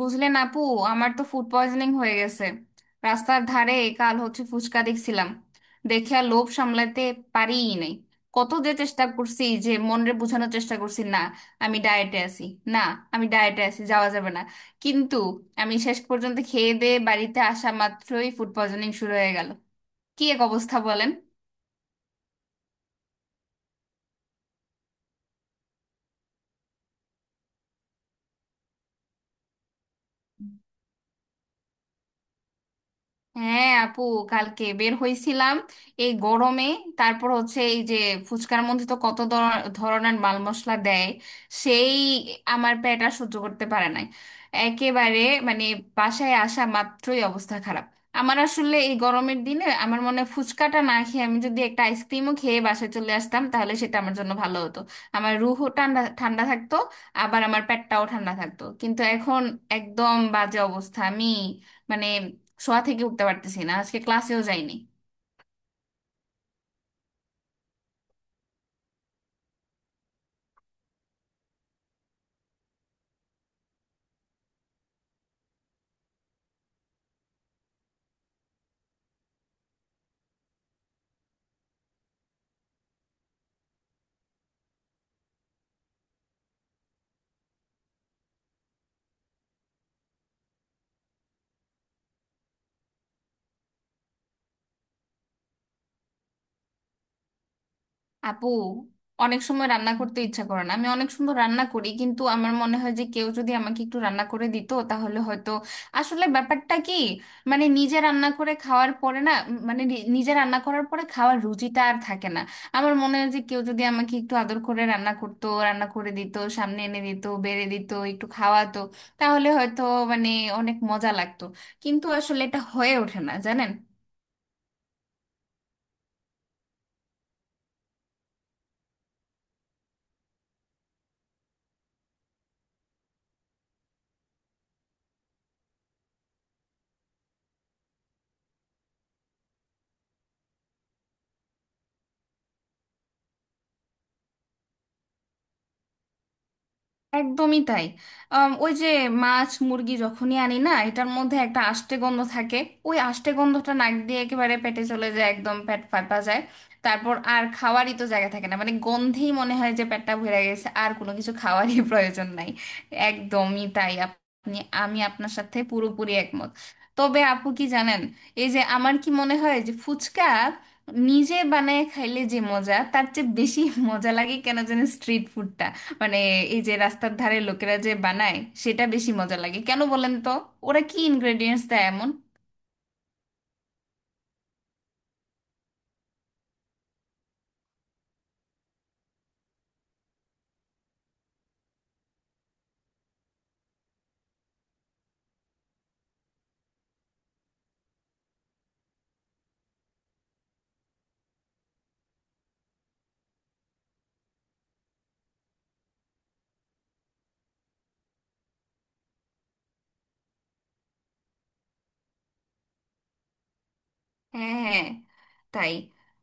বুঝলেন আপু, আমার তো ফুড পয়জনিং হয়ে গেছে। রাস্তার ধারে কাল হচ্ছে ফুচকা দেখছিলাম, দেখে আর লোভ সামলাতে পারিই নাই। কত যে চেষ্টা করছি, যে মনরে বোঝানোর চেষ্টা করছি না, আমি ডায়েটে আছি, না আমি ডায়েটে আছি যাওয়া যাবে না, কিন্তু আমি শেষ পর্যন্ত খেয়ে দেয়ে বাড়িতে আসা মাত্রই ফুড পয়জনিং শুরু হয়ে গেল। কি এক অবস্থা বলেন। হ্যাঁ আপু, কালকে বের হইছিলাম এই গরমে। তারপর হচ্ছে এই যে ফুচকার মধ্যে তো কত ধরনের মাল মশলা দেয়, সেই আমার পেট আর সহ্য করতে পারে নাই। একেবারে মানে বাসায় আসা মাত্রই অবস্থা খারাপ। আমার আসলে এই গরমের দিনে আমার মনে হয় ফুচকাটা না খেয়ে আমি যদি একটা আইসক্রিমও খেয়ে বাসায় চলে আসতাম, তাহলে সেটা আমার জন্য ভালো হতো। আমার রুহও ঠান্ডা ঠান্ডা থাকতো, আবার আমার পেটটাও ঠান্ডা থাকতো, কিন্তু এখন একদম বাজে অবস্থা। আমি মানে শোয়া থেকে উঠতে পারতেছি না, আজকে ক্লাসেও যাইনি। আপু, অনেক সময় রান্না করতে ইচ্ছা করে না। আমি অনেক সুন্দর রান্না করি, কিন্তু আমার মনে হয় যে কেউ যদি আমাকে একটু রান্না করে দিত তাহলে হয়তো আসলে ব্যাপারটা কি মানে নিজে রান্না করে খাওয়ার পরে না মানে নিজে রান্না করার পরে খাওয়ার রুচিটা আর থাকে না। আমার মনে হয় যে কেউ যদি আমাকে একটু আদর করে রান্না করতো, রান্না করে দিত, সামনে এনে দিত, বেড়ে দিত, একটু খাওয়াতো, তাহলে হয়তো মানে অনেক মজা লাগতো। কিন্তু আসলে এটা হয়ে ওঠে না জানেন। একদমই তাই। ওই যে মাছ মুরগি যখনই আনি না, এটার মধ্যে একটা আষ্টে গন্ধ থাকে। ওই আষ্টে গন্ধটা নাক দিয়ে একেবারে পেটে চলে যায়, একদম পেট ফাটা যায়। তারপর আর খাওয়ারই তো জায়গা থাকে না, মানে গন্ধেই মনে হয় যে পেটটা ভরে গেছে, আর কোনো কিছু খাওয়ারই প্রয়োজন নাই। একদমই তাই আপনি, আমি আপনার সাথে পুরোপুরি একমত। তবে আপু কি জানেন, এই যে আমার কি মনে হয় যে ফুচকা নিজে বানায় খাইলে যে মজা, তার চেয়ে বেশি মজা লাগে কেন জানেন স্ট্রিট ফুডটা। মানে এই যে রাস্তার ধারে লোকেরা যে বানায় সেটা বেশি মজা লাগে, কেন বলেন তো? ওরা কি ইনগ্রেডিয়েন্টস দেয় এমন? হ্যাঁ, হ্যাঁ, তাই।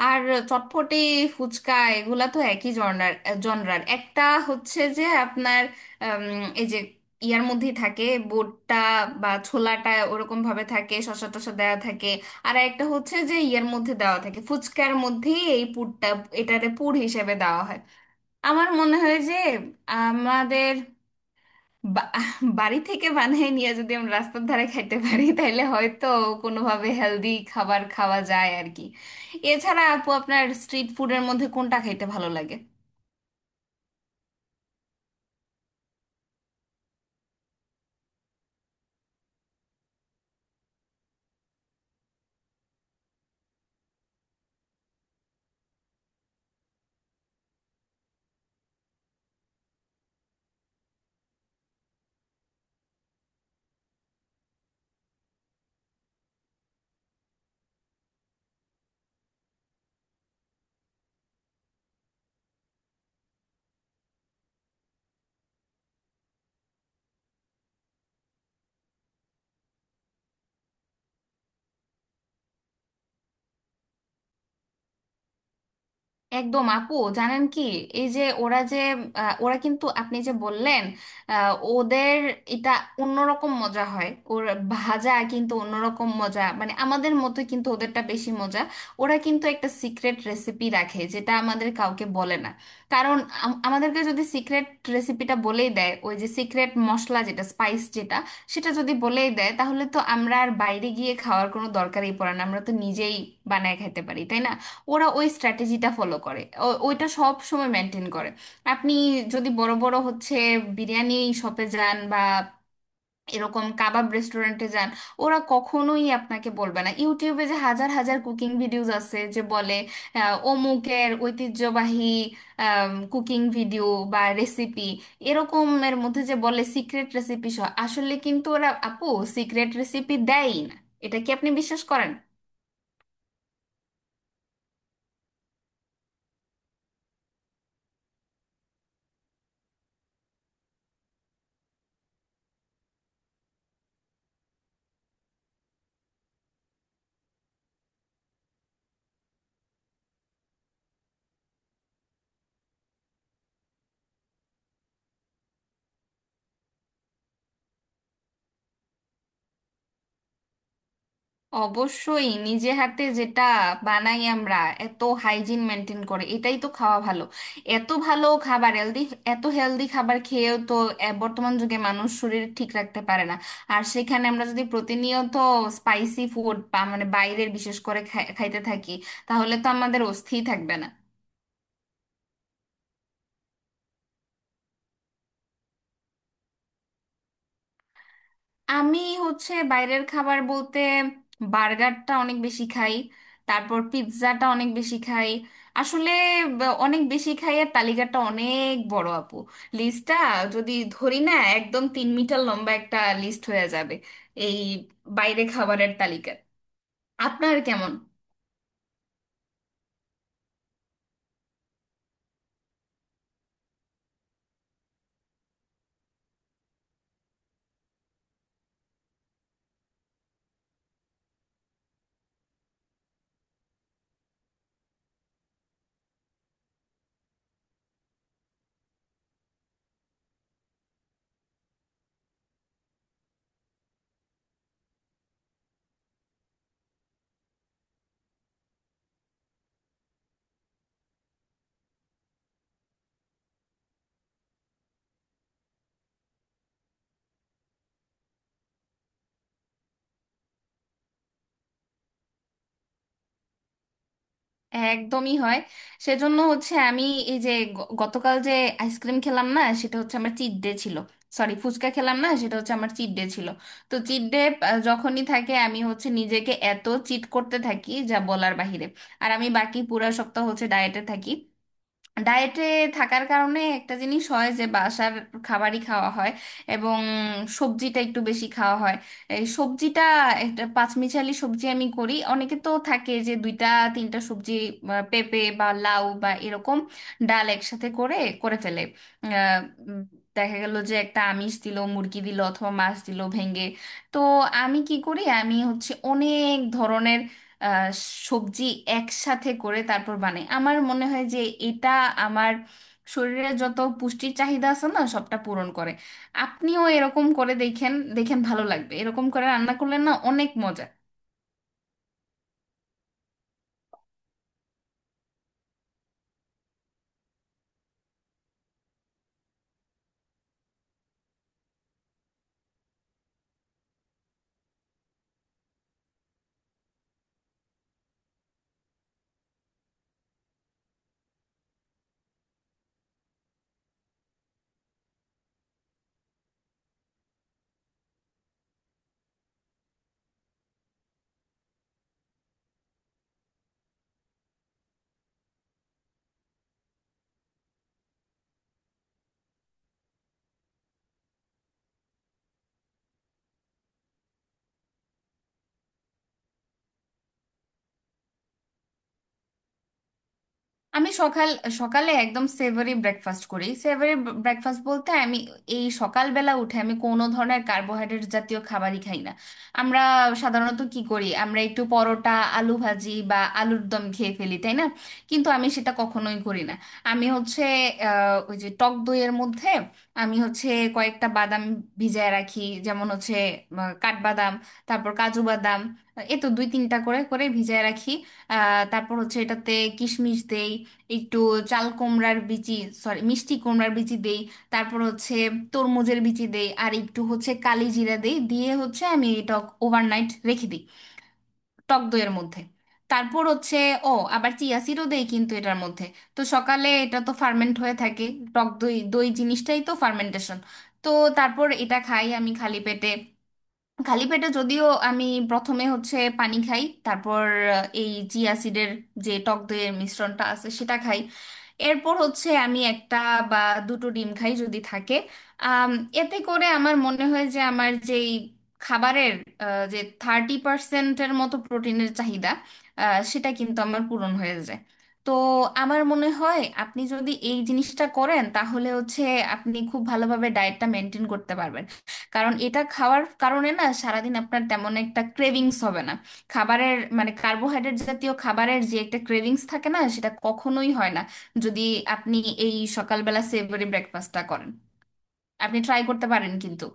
আর চটপটি, ফুচকা, এগুলা তো একই জনরার। জনরার একটা হচ্ছে যে আপনার, আম, এই যে ইয়ার মধ্যেই থাকে বোটটা বা ছোলাটা, ওরকম ভাবে থাকে, শসা টসা দেওয়া থাকে। আর একটা হচ্ছে যে ইয়ার মধ্যে দেওয়া থাকে ফুচকার মধ্যেই এই পুরটা, এটারে পুর হিসেবে দেওয়া হয়। আমার মনে হয় যে আমাদের বা- বাড়ি থেকে বানিয়ে নিয়ে যদি আমরা রাস্তার ধারে খাইতে পারি, তাহলে হয়তো কোনোভাবে হেলদি খাবার খাওয়া যায় আর কি। এছাড়া আপু, আপনার স্ট্রিট ফুডের মধ্যে কোনটা খাইতে ভালো লাগে? একদম আপু জানেন কি, এই যে ওরা যে, ওরা কিন্তু আপনি যে বললেন, ওদের এটা অন্যরকম মজা হয় ওর ভাজা, কিন্তু অন্যরকম মজা মানে আমাদের মতো, কিন্তু ওদেরটা বেশি মজা। ওরা কিন্তু একটা সিক্রেট রেসিপি রাখে, যেটা আমাদের কাউকে বলে না। কারণ আমাদেরকে যদি সিক্রেট রেসিপিটা বলেই দেয়, ওই যে সিক্রেট মশলা যেটা, স্পাইস যেটা, সেটা যদি বলেই দেয়, তাহলে তো আমরা আর বাইরে গিয়ে খাওয়ার কোনো দরকারই পড়ে না, আমরা তো নিজেই বানায় খেতে পারি, তাই না? ওরা ওই স্ট্র্যাটেজিটা ফলো করে, ওইটা সব সময় মেনটেন করে। আপনি যদি বড় বড় হচ্ছে বিরিয়ানি শপে যান, বা এরকম কাবাব রেস্টুরেন্টে যান, ওরা কখনোই আপনাকে বলবে না। ইউটিউবে যে হাজার হাজার কুকিং ভিডিওস আছে যে বলে অমুকের ঐতিহ্যবাহী কুকিং ভিডিও বা রেসিপি, এরকমের মধ্যে যে বলে সিক্রেট রেসিপি সহ, আসলে কিন্তু ওরা আপু সিক্রেট রেসিপি দেয়ই না। এটা কি আপনি বিশ্বাস করেন? অবশ্যই নিজে হাতে যেটা বানাই আমরা, এত হাইজিন মেনটেন করে, এটাই তো খাওয়া ভালো। এত ভালো খাবার হেলদি, এত হেলদি খাবার খেয়েও তো বর্তমান যুগে মানুষ শরীর ঠিক রাখতে পারে না। আর সেখানে আমরা যদি প্রতিনিয়ত স্পাইসি ফুড মানে বাইরের বিশেষ করে খাইতে থাকি, তাহলে তো আমাদের অস্থি থাকবে না। আমি হচ্ছে বাইরের খাবার বলতে বার্গারটা অনেক বেশি খাই, তারপর পিৎজাটা অনেক বেশি খাই। আসলে অনেক বেশি খাই এর তালিকাটা অনেক বড় আপু। লিস্টটা যদি ধরি না, একদম 3 মিটার লম্বা একটা লিস্ট হয়ে যাবে এই বাইরে খাবারের তালিকা। আপনার কেমন? একদমই হয়। সেজন্য হচ্ছে আমি এই যে গতকাল যে আইসক্রিম খেলাম না, সেটা হচ্ছে আমার চিট ডে ছিল। সরি, ফুচকা খেলাম না, সেটা হচ্ছে আমার চিট ডে ছিল। তো চিট ডে যখনই থাকে, আমি হচ্ছে নিজেকে এত চিট করতে থাকি যা বলার বাহিরে। আর আমি বাকি পুরো সপ্তাহ হচ্ছে ডায়েটে থাকি। ডায়েটে থাকার কারণে একটা জিনিস হয় যে বাসার খাবারই খাওয়া হয়, এবং সবজিটা একটু বেশি খাওয়া হয়। এই সবজিটা, একটা পাঁচমিশালি সবজি আমি করি। অনেকে তো থাকে যে দুইটা তিনটা সবজি বা পেঁপে বা লাউ বা এরকম ডাল একসাথে করে করে ফেলে। আহ, উম, দেখা গেল যে একটা আমিষ দিল, মুরগি দিল অথবা মাছ দিল ভেঙে। তো আমি কি করি, আমি হচ্ছে অনেক ধরনের আহ, সবজি একসাথে করে তারপর বানাই। আমার মনে হয় যে এটা আমার শরীরে যত পুষ্টির চাহিদা আছে না, সবটা পূরণ করে। আপনিও এরকম করে দেখেন, দেখেন ভালো লাগবে, এরকম করে রান্না করলে না অনেক মজা। আমি সকাল, সকালে একদম সেভারি ব্রেকফাস্ট করি। সেভারি ব্রেকফাস্ট বলতে আমি এই সকালবেলা উঠে আমি কোনো ধরনের কার্বোহাইড্রেট জাতীয় খাবারই খাই না। আমরা সাধারণত কি করি, আমরা একটু পরোটা, আলু ভাজি বা আলুর দম খেয়ে ফেলি, তাই না? কিন্তু আমি সেটা কখনোই করি না। আমি হচ্ছে, ওই যে টক দইয়ের মধ্যে আমি হচ্ছে কয়েকটা বাদাম ভিজায় রাখি। যেমন হচ্ছে কাঠবাদাম, তারপর কাজু বাদাম, এ তো দুই তিনটা করে করে ভিজায় রাখি। তারপর হচ্ছে এটাতে কিশমিশ দেই, একটু চাল কুমড়ার বিচি, সরি মিষ্টি কুমড়ার বিচি দেই, তারপর হচ্ছে তরমুজের বিচি দেই, আর একটু হচ্ছে কালি জিরা দেই, দিয়ে হচ্ছে আমি এটা ওভারনাইট রেখে দিই টক দইয়ের মধ্যে। তারপর হচ্ছে, ও আবার চিয়া সিডও দেই কিন্তু এটার মধ্যে। তো সকালে এটা তো ফার্মেন্ট হয়ে থাকে, টক দই, দই জিনিসটাই তো ফার্মেন্টেশন। তো তারপর এটা খাই আমি খালি পেটে। খালি পেটে যদিও আমি প্রথমে হচ্ছে পানি খাই, তারপর এই চিয়া সিডের যে টক দইয়ের মিশ্রণটা আছে সেটা খাই। এরপর হচ্ছে আমি একটা বা দুটো ডিম খাই যদি থাকে। আম, এতে করে আমার মনে হয় যে আমার যেই খাবারের যে 30%-এর মতো প্রোটিনের চাহিদা, সেটা কিন্তু আমার পূরণ হয়ে যায়। তো আমার মনে হয় আপনি যদি এই জিনিসটা করেন, তাহলে হচ্ছে আপনি খুব ভালোভাবে ডায়েটটা মেনটেন করতে পারবেন। কারণ এটা খাওয়ার কারণে না, সারাদিন আপনার তেমন একটা ক্রেভিংস হবে না। খাবারের মানে কার্বোহাইড্রেট জাতীয় খাবারের যে একটা ক্রেভিংস থাকে না, সেটা কখনোই হয় না, যদি আপনি এই সকালবেলা সেভরি ব্রেকফাস্টটা করেন। আপনি ট্রাই করতে পারেন কিন্তু